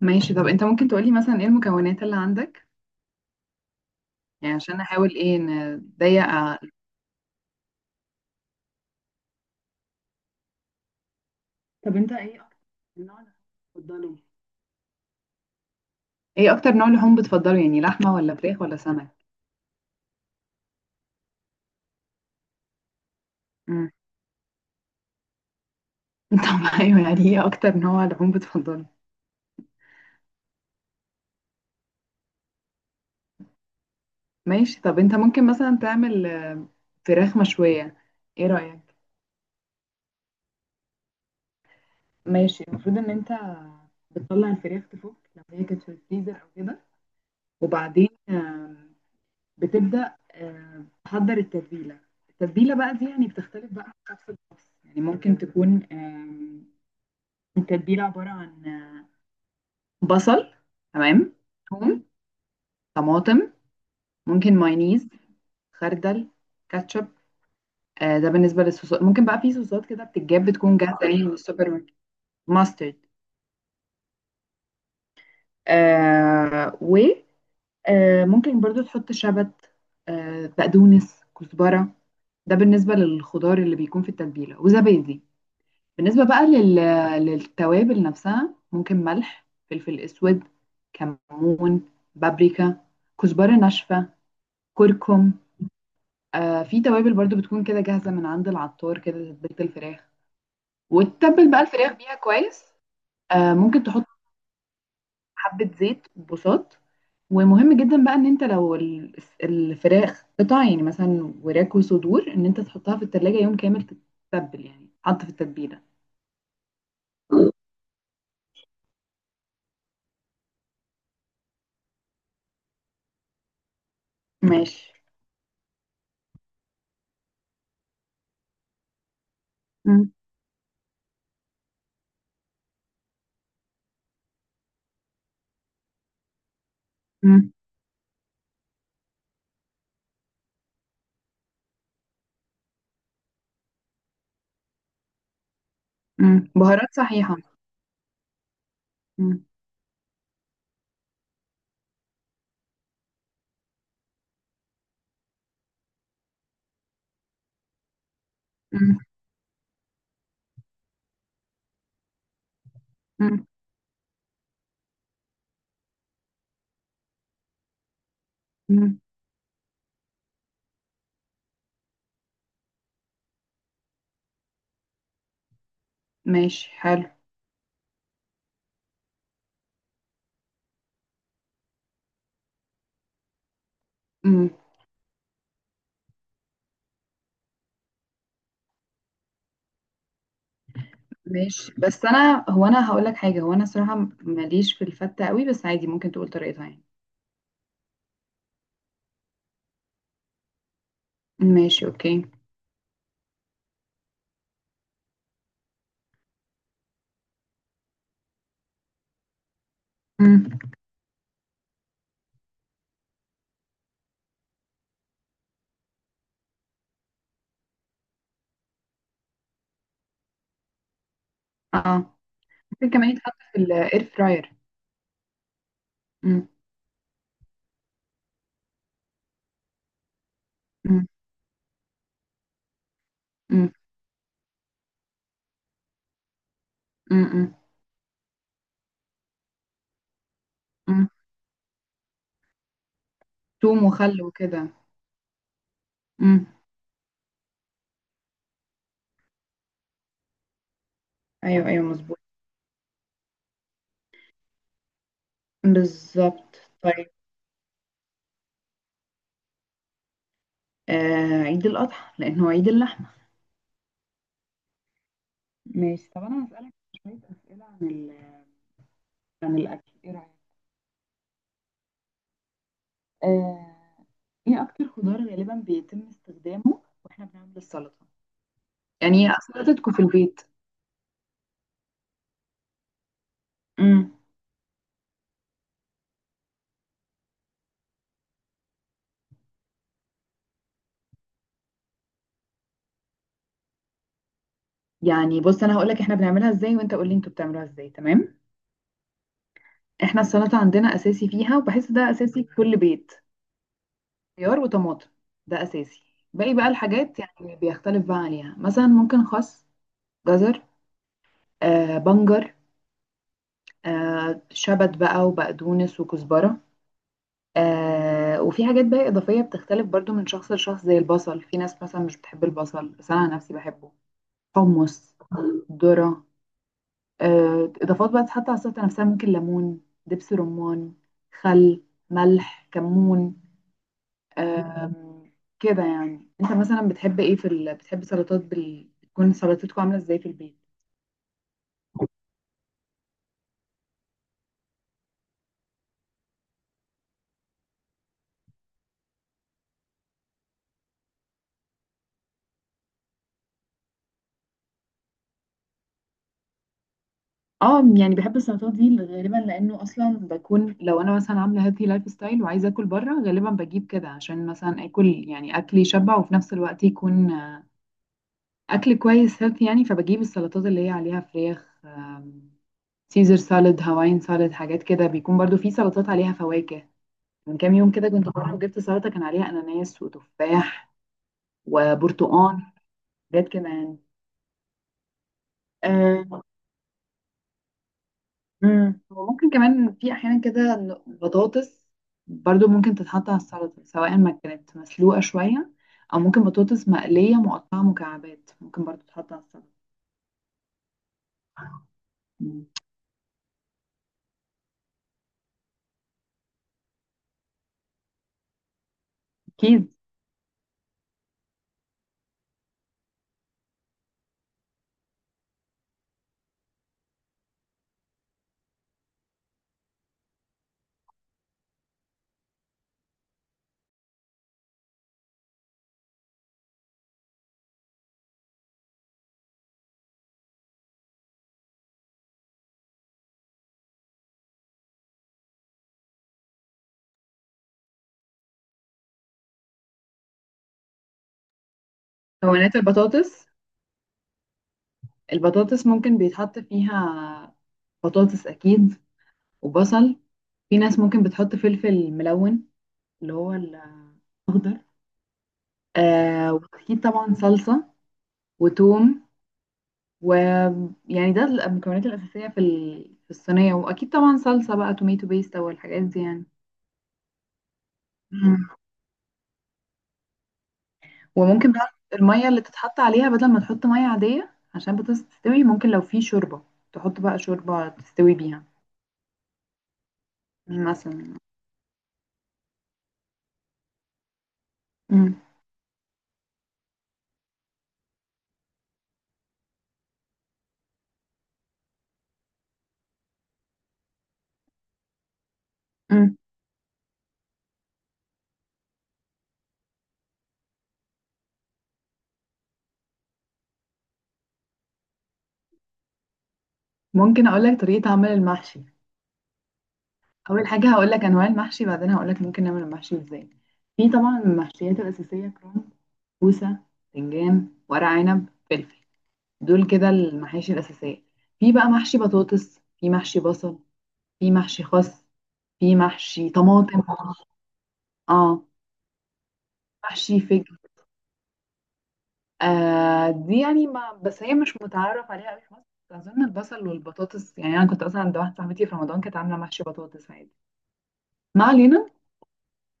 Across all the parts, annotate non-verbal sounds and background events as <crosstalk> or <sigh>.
ماشي. طب انت ممكن تقولي مثلا ايه المكونات اللي عندك؟ يعني عشان احاول ايه نضيق طب انت ايه اكتر النوع اللي بتفضله؟ ايه اكتر نوع لحوم بتفضله، يعني لحمة ولا فراخ ولا سمك؟ امم <laughs> طب ايوه، يعني ايه اكتر نوع لحوم بتفضله؟ ماشي. طب انت ممكن مثلا تعمل فراخ مشوية، ايه رأيك؟ ماشي. المفروض ان انت بتطلع الفراخ تفك لو هي كانت في الفريزر او كده. وبعدين بتبدأ تحضر التتبيلة. التتبيلة بقى دي يعني بتختلف بقى من شخص لشخص، يعني ممكن تكون التتبيلة عبارة عن بصل. تمام. ثوم، طماطم، ممكن مايونيز، خردل، كاتشب. ده بالنسبة للصوصات ممكن بقى في صوصات كده بتتجاب بتكون جاهزة يعني من السوبر ماركت. ماسترد. آه وممكن برضو تحط شبت، بقدونس، كزبرة. ده بالنسبة للخضار اللي بيكون في التتبيلة وزبادي. بالنسبة بقى للتوابل نفسها ممكن ملح، فلفل اسود، كمون، بابريكا، كزبرة ناشفة، كركم. في توابل برضو بتكون كده جاهزة من عند العطار، كده تتبيلة الفراخ، وتتبل بقى الفراخ بيها كويس. ممكن تحط حبة زيت بساط. ومهم جدا بقى ان انت لو الفراخ قطع يعني مثلا وراك وصدور ان انت تحطها في التلاجة يوم كامل. تتبل يعني حط في التتبيلة. ماشي. مم. مم. بهارات صحيحة. مم. مم. مم. مم. ماشي، حلو. مم. ماشي. بس هو انا هقول لك حاجة، هو انا صراحة ماليش في الفتة قوي، بس عادي ممكن تقول طريقتها يعني. ماشي، اوكي. مم. اه، ممكن كمان يتحط في الاير فراير. مم. مم. مم. مم. مم. مم. توم وخل وكده. مم. ايوه، ايوه، مظبوط. بالظبط. طيب، عيد الاضحى لانه عيد اللحم. ماشي. طب انا هسألك شوية اسئلة عن عن الاكل، ايه رأيك؟ آه، ايه اكتر خضار غالبا بيتم استخدامه واحنا بنعمل السلطه؟ يعني ايه سلطتكم في البيت؟ امم يعني بص، انا هقول لك احنا بنعملها ازاي وانت قول لي انتوا بتعملوها ازاي، تمام؟ احنا السلطه عندنا اساسي فيها، وبحس ده اساسي في كل بيت. خيار وطماطم، ده اساسي. باقي بقى الحاجات يعني بيختلف بقى عليها، مثلا ممكن خس، جزر، بنجر، شبت بقى وبقدونس وكزبره. وفي حاجات بقى إضافية بتختلف برضو من شخص لشخص، زي البصل، في ناس مثلا مش بتحب البصل بس أنا عن نفسي بحبه. حمص، ذرة. إضافات بقى تتحط على السلطة نفسها، ممكن ليمون، دبس رمان، خل، ملح، كمون. آم، كده يعني أنت مثلا بتحب إيه في بتحب سلطات تكون سلطتكم عاملة إزاي في البيت؟ اه، يعني بحب السلطات دي غالبا لانه اصلا بكون لو انا مثلا عامله هيلثي لايف ستايل وعايزه اكل بره غالبا بجيب كده، عشان مثلا اكل يعني اكل يشبع وفي نفس الوقت يكون اكل كويس هيلثي يعني. فبجيب السلطات اللي هي عليها فراخ، سيزر سالاد، هواين سالاد، حاجات كده. بيكون برضو في سلطات عليها فواكه، من كام يوم كده كنت بروح جبت سلطه كان عليها اناناس وتفاح وبرتقان، حاجات كده يعني. آه، وممكن كمان في احيانا كده إن بطاطس برضو ممكن تتحط على السلطه، سواء ما كانت مسلوقه شويه، او ممكن بطاطس مقليه مقطعه مكعبات ممكن برضو تتحط على السلطه. مم. أكيد. مكونات البطاطس، البطاطس ممكن بيتحط فيها بطاطس اكيد، وبصل. في ناس ممكن بتحط فلفل ملون اللي هو الاخضر. واكيد طبعا صلصه وتوم. ويعني ده المكونات الأساسية في في الصينية، وأكيد طبعا صلصة بقى توميتو بيست أو الحاجات دي يعني. مم. وممكن بقى المية اللي تتحط عليها، بدل ما تحط مية عادية عشان بطاطس تستوي، ممكن لو في شوربة تحط بقى شوربة تستوي بيها مثلا. مم. مم. ممكن أقولك طريقة عمل المحشي. أول حاجة هقولك أنواع المحشي، بعدين هقولك ممكن نعمل المحشي إزاي. في طبعا المحشيات الأساسية: كرنب، كوسة، باذنجان، ورق عنب، فلفل. دول كده المحاشي الأساسية. في بقى محشي بطاطس، في محشي بصل، في محشي خس، في محشي طماطم. اه. محشي فجل. دي يعني ما بس هي مش متعارف عليها قوي في مصر. أظن البصل والبطاطس، يعني أنا كنت أصلا عند واحدة صاحبتي في رمضان كانت عاملة محشي بطاطس عادي. ما علينا.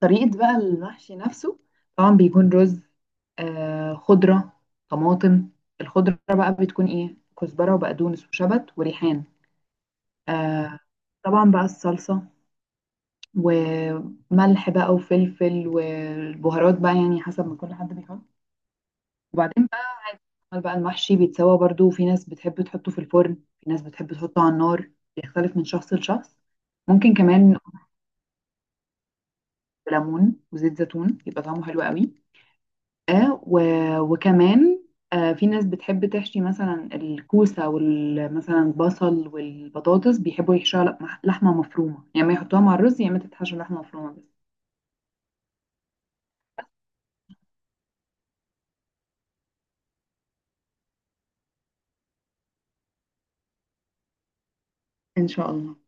طريقة بقى المحشي نفسه، طبعا بيكون رز، خضرة، طماطم. الخضرة بقى بتكون إيه؟ كزبرة وبقدونس وشبت وريحان. آه طبعا بقى الصلصة، وملح بقى وفلفل والبهارات بقى يعني حسب ما كل حد بيحط. وبعدين بقى عمل بقى المحشي بيتسوى، برضو في ناس بتحب تحطه في الفرن، في ناس بتحب تحطه على النار، بيختلف من شخص لشخص. ممكن كمان ليمون وزيت زيتون يبقى طعمه حلو قوي. آه و... وكمان في ناس بتحب تحشي مثلا الكوسة، ومثلا البصل والبطاطس بيحبوا يحشوها لحمة مفرومة، يعني ما يحطوها مع الرز، يا اما تتحشى لحمة مفرومة بس. إن شاء الله.